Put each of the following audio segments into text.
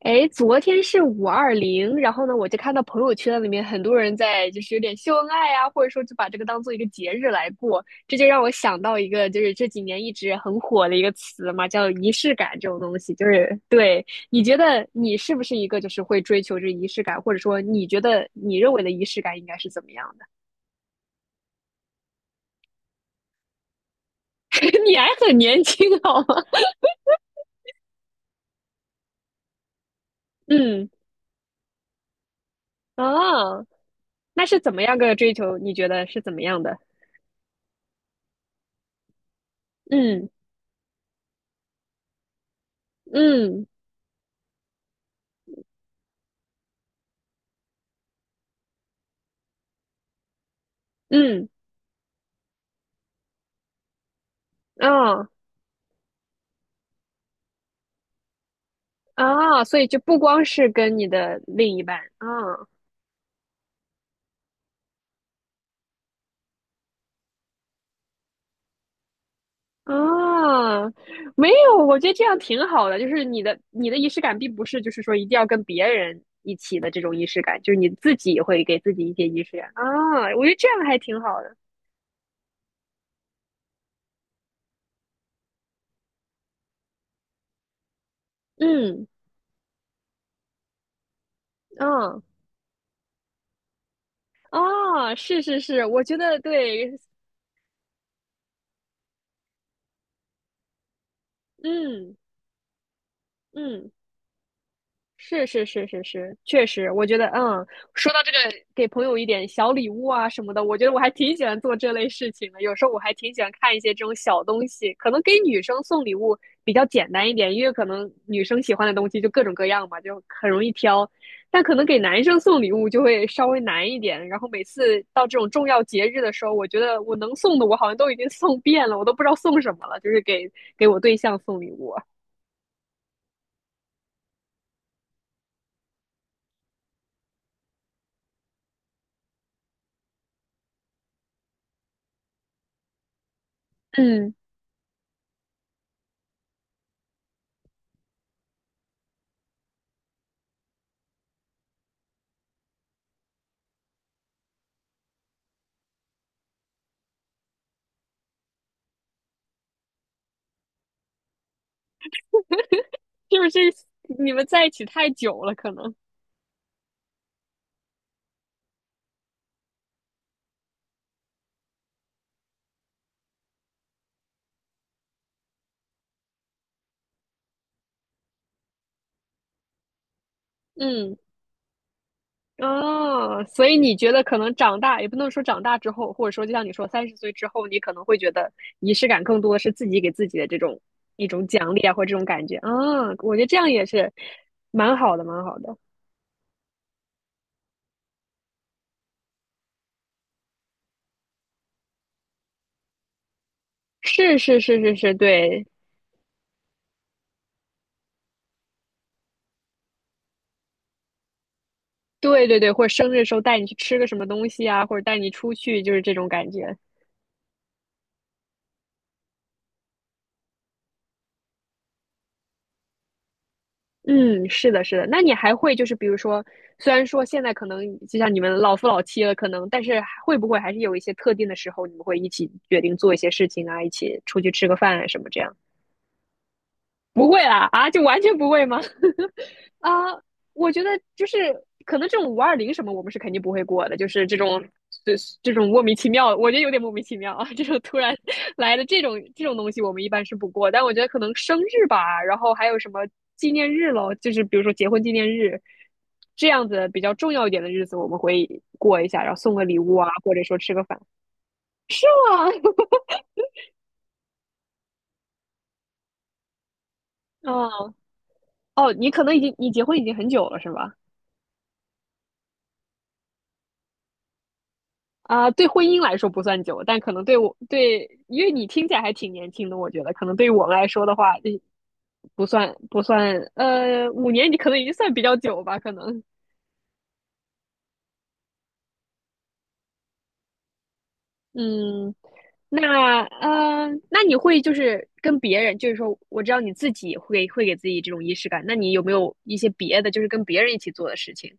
哎，昨天是520，然后呢，我就看到朋友圈里面很多人在就是有点秀恩爱啊，或者说就把这个当做一个节日来过，这就让我想到一个就是这几年一直很火的一个词嘛，叫仪式感这种东西。就是对，你觉得你是不是一个就是会追求这仪式感，或者说你觉得你认为的仪式感应该是怎么样的？你还很年轻好吗？嗯，啊，那是怎么样个追求？你觉得是怎么样的？嗯嗯嗯，啊。啊，所以就不光是跟你的另一半，啊啊，没有，我觉得这样挺好的，就是你的仪式感并不是就是说一定要跟别人一起的这种仪式感，就是你自己会给自己一些仪式感啊，我觉得这样还挺好的，嗯嗯啊，是是是，我觉得对，嗯嗯。是是是是是，确实，我觉得，嗯，说到这个，给朋友一点小礼物啊什么的，我觉得我还挺喜欢做这类事情的。有时候我还挺喜欢看一些这种小东西，可能给女生送礼物比较简单一点，因为可能女生喜欢的东西就各种各样嘛，就很容易挑。但可能给男生送礼物就会稍微难一点。然后每次到这种重要节日的时候，我觉得我能送的我好像都已经送遍了，我都不知道送什么了，就是给我对象送礼物。嗯，就是这你们在一起太久了，可能。嗯，哦，所以你觉得可能长大，也不能说长大之后，或者说就像你说30岁之后，你可能会觉得仪式感更多是自己给自己的这种一种奖励啊，或者这种感觉啊，我觉得这样也是蛮好的，蛮好的。是是是是是，对对对对，或者生日的时候带你去吃个什么东西啊，或者带你出去，就是这种感觉。嗯，是的，是的。那你还会就是比如说，虽然说现在可能就像你们老夫老妻了，可能，但是还会不会还是有一些特定的时候，你们会一起决定做一些事情啊，一起出去吃个饭啊什么这样？不会啦，啊，就完全不会吗？啊，我觉得就是可能这种五二零什么，我们是肯定不会过的，就是这种这这种莫名其妙，我觉得有点莫名其妙啊，这种突然 来的这种东西，我们一般是不过。但我觉得可能生日吧，然后还有什么纪念日咯，就是比如说结婚纪念日这样子比较重要一点的日子，我们会过一下，然后送个礼物啊，或者说吃个饭。哇，哦哦，你结婚已经很久了是吧？对婚姻来说不算久，但可能对我对，因为你听起来还挺年轻的，我觉得可能对于我们来说的话，嗯不算不算，5年你可能已经算比较久吧，可能，嗯，那你会就是跟别人，就是说，我知道你自己会给自己这种仪式感，那你有没有一些别的，就是跟别人一起做的事情？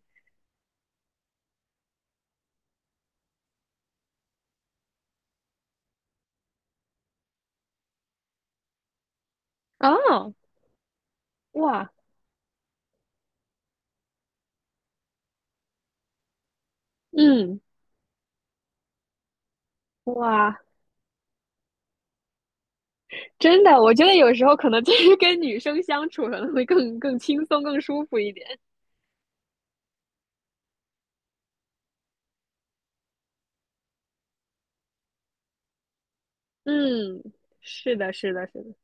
哦，哇，嗯，哇，真的，我觉得有时候可能就是跟女生相处可能会更轻松、更舒服一点。嗯，是的，是的，是的，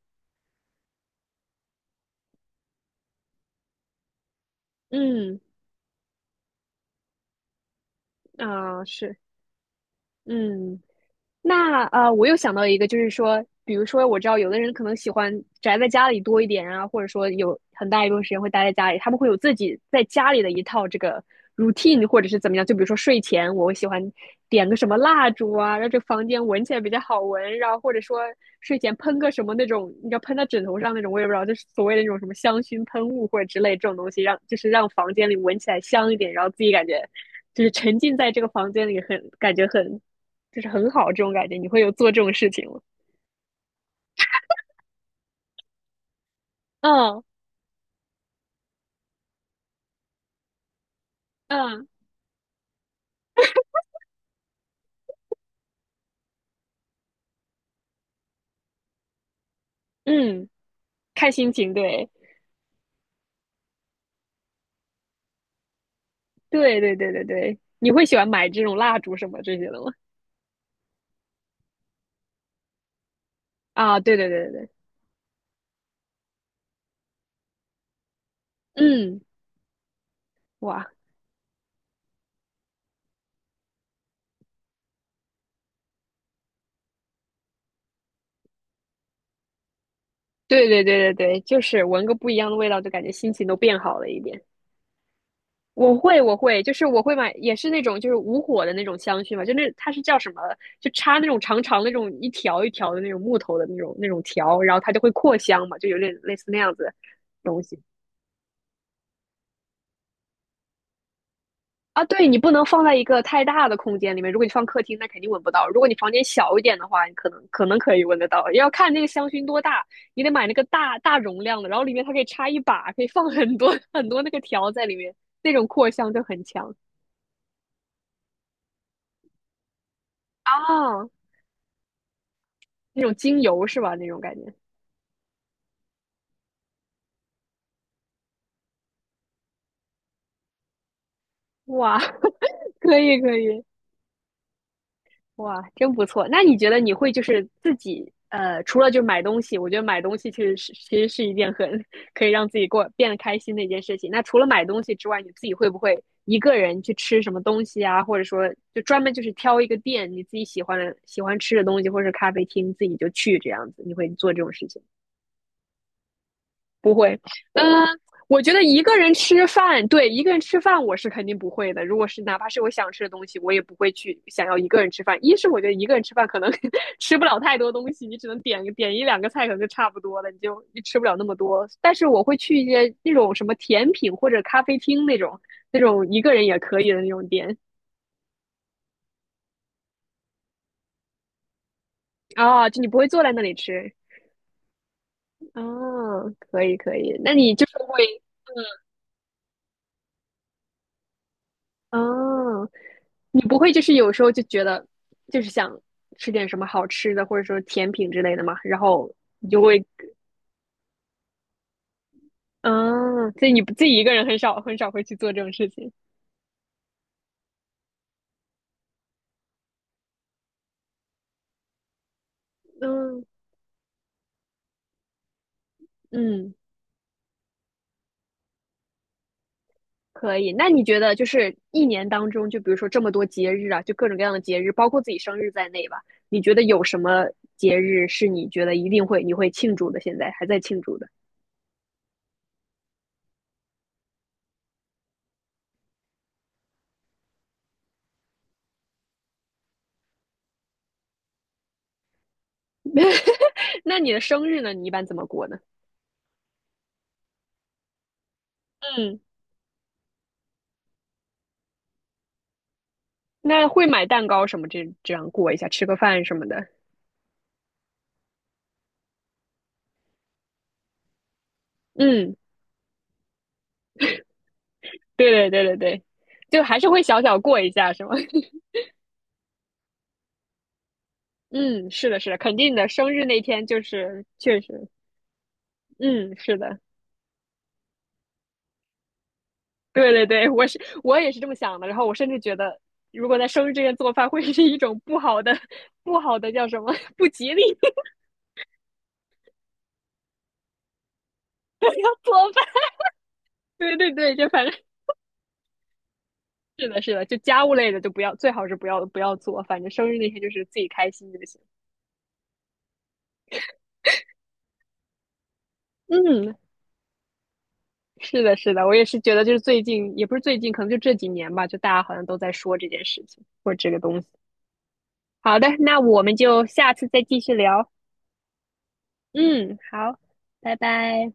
嗯，是，嗯。那我又想到一个，就是说，比如说，我知道有的人可能喜欢宅在家里多一点啊，或者说有很大一部分时间会待在家里，他们会有自己在家里的一套这个 routine，或者是怎么样。就比如说睡前，我会喜欢点个什么蜡烛啊，让这个房间闻起来比较好闻，然后或者说睡前喷个什么那种，你知道喷到枕头上那种，我也不知道，就是所谓的那种什么香薰喷雾或者之类这种东西，让就是让房间里闻起来香一点，然后自己感觉就是沉浸在这个房间里很，感觉很就是很好这种感觉。你会有做这种事情吗？嗯嗯嗯，看心情，对对对对对对。你会喜欢买这种蜡烛什么这些的吗？啊，对对对对对，嗯，哇，对对对对对，就是闻个不一样的味道，就感觉心情都变好了一点。我会，就是我会买，也是那种就是无火的那种香薰嘛，就那它是叫什么？就插那种长长的那种一条一条的那种木头的那种条，然后它就会扩香嘛，就有点类似那样子的东西。啊，对，你不能放在一个太大的空间里面。如果你放客厅，那肯定闻不到；如果你房间小一点的话，你可能可以闻得到。要看那个香薰多大，你得买那个大容量的，然后里面它可以插一把，可以放很多很多那个条在里面，那种扩香就很强啊。那种精油是吧？那种感觉，哇，可以可以，哇，真不错。那你觉得你会就是自己除了就是买东西，我觉得买东西其实是一件很可以让自己过变得开心的一件事情。那除了买东西之外，你自己会不会一个人去吃什么东西啊？或者说就专门就是挑一个店你自己喜欢吃的东西，或者是咖啡厅自己就去这样子？你会做这种事情吗不会，嗯，我觉得一个人吃饭，对，一个人吃饭我是肯定不会的。如果是哪怕是我想吃的东西，我也不会去想要一个人吃饭。一是我觉得一个人吃饭可能 吃不了太多东西，你只能点一两个菜，可能就差不多了，你吃不了那么多。但是我会去一些那种什么甜品或者咖啡厅那种一个人也可以的那种店啊，就你不会坐在那里吃啊，可以可以，那你就是会啊。你不会就是有时候就觉得就是想吃点什么好吃的，或者说甜品之类的嘛，然后你就会，嗯，所以你不自己一个人很少很少会去做这种事情。嗯嗯，可以。那你觉得就是一年当中，就比如说这么多节日啊，就各种各样的节日，包括自己生日在内吧，你觉得有什么节日是你觉得一定会你会庆祝的，现在还在庆祝的？那你的生日呢？你一般怎么过呢？嗯，那会买蛋糕什么这样过一下，吃个饭什么的。嗯，对对对对对，就还是会小小过一下，是吗？嗯，是的，是的，肯定的。生日那天就是确实，嗯，是的，对对对，我也是这么想的。然后我甚至觉得，如果在生日这天做饭，会是一种不好的、不好的叫什么 不吉利 要做饭。对对对，就反正 是的，是的，就家务类的就不要，最好是不要做。反正生日那天就是自己开心就行。嗯，是的，是的，我也是觉得，就是最近，也不是最近，可能就这几年吧，就大家好像都在说这件事情或者这个东西。好的，那我们就下次再继续聊。嗯，好，拜拜。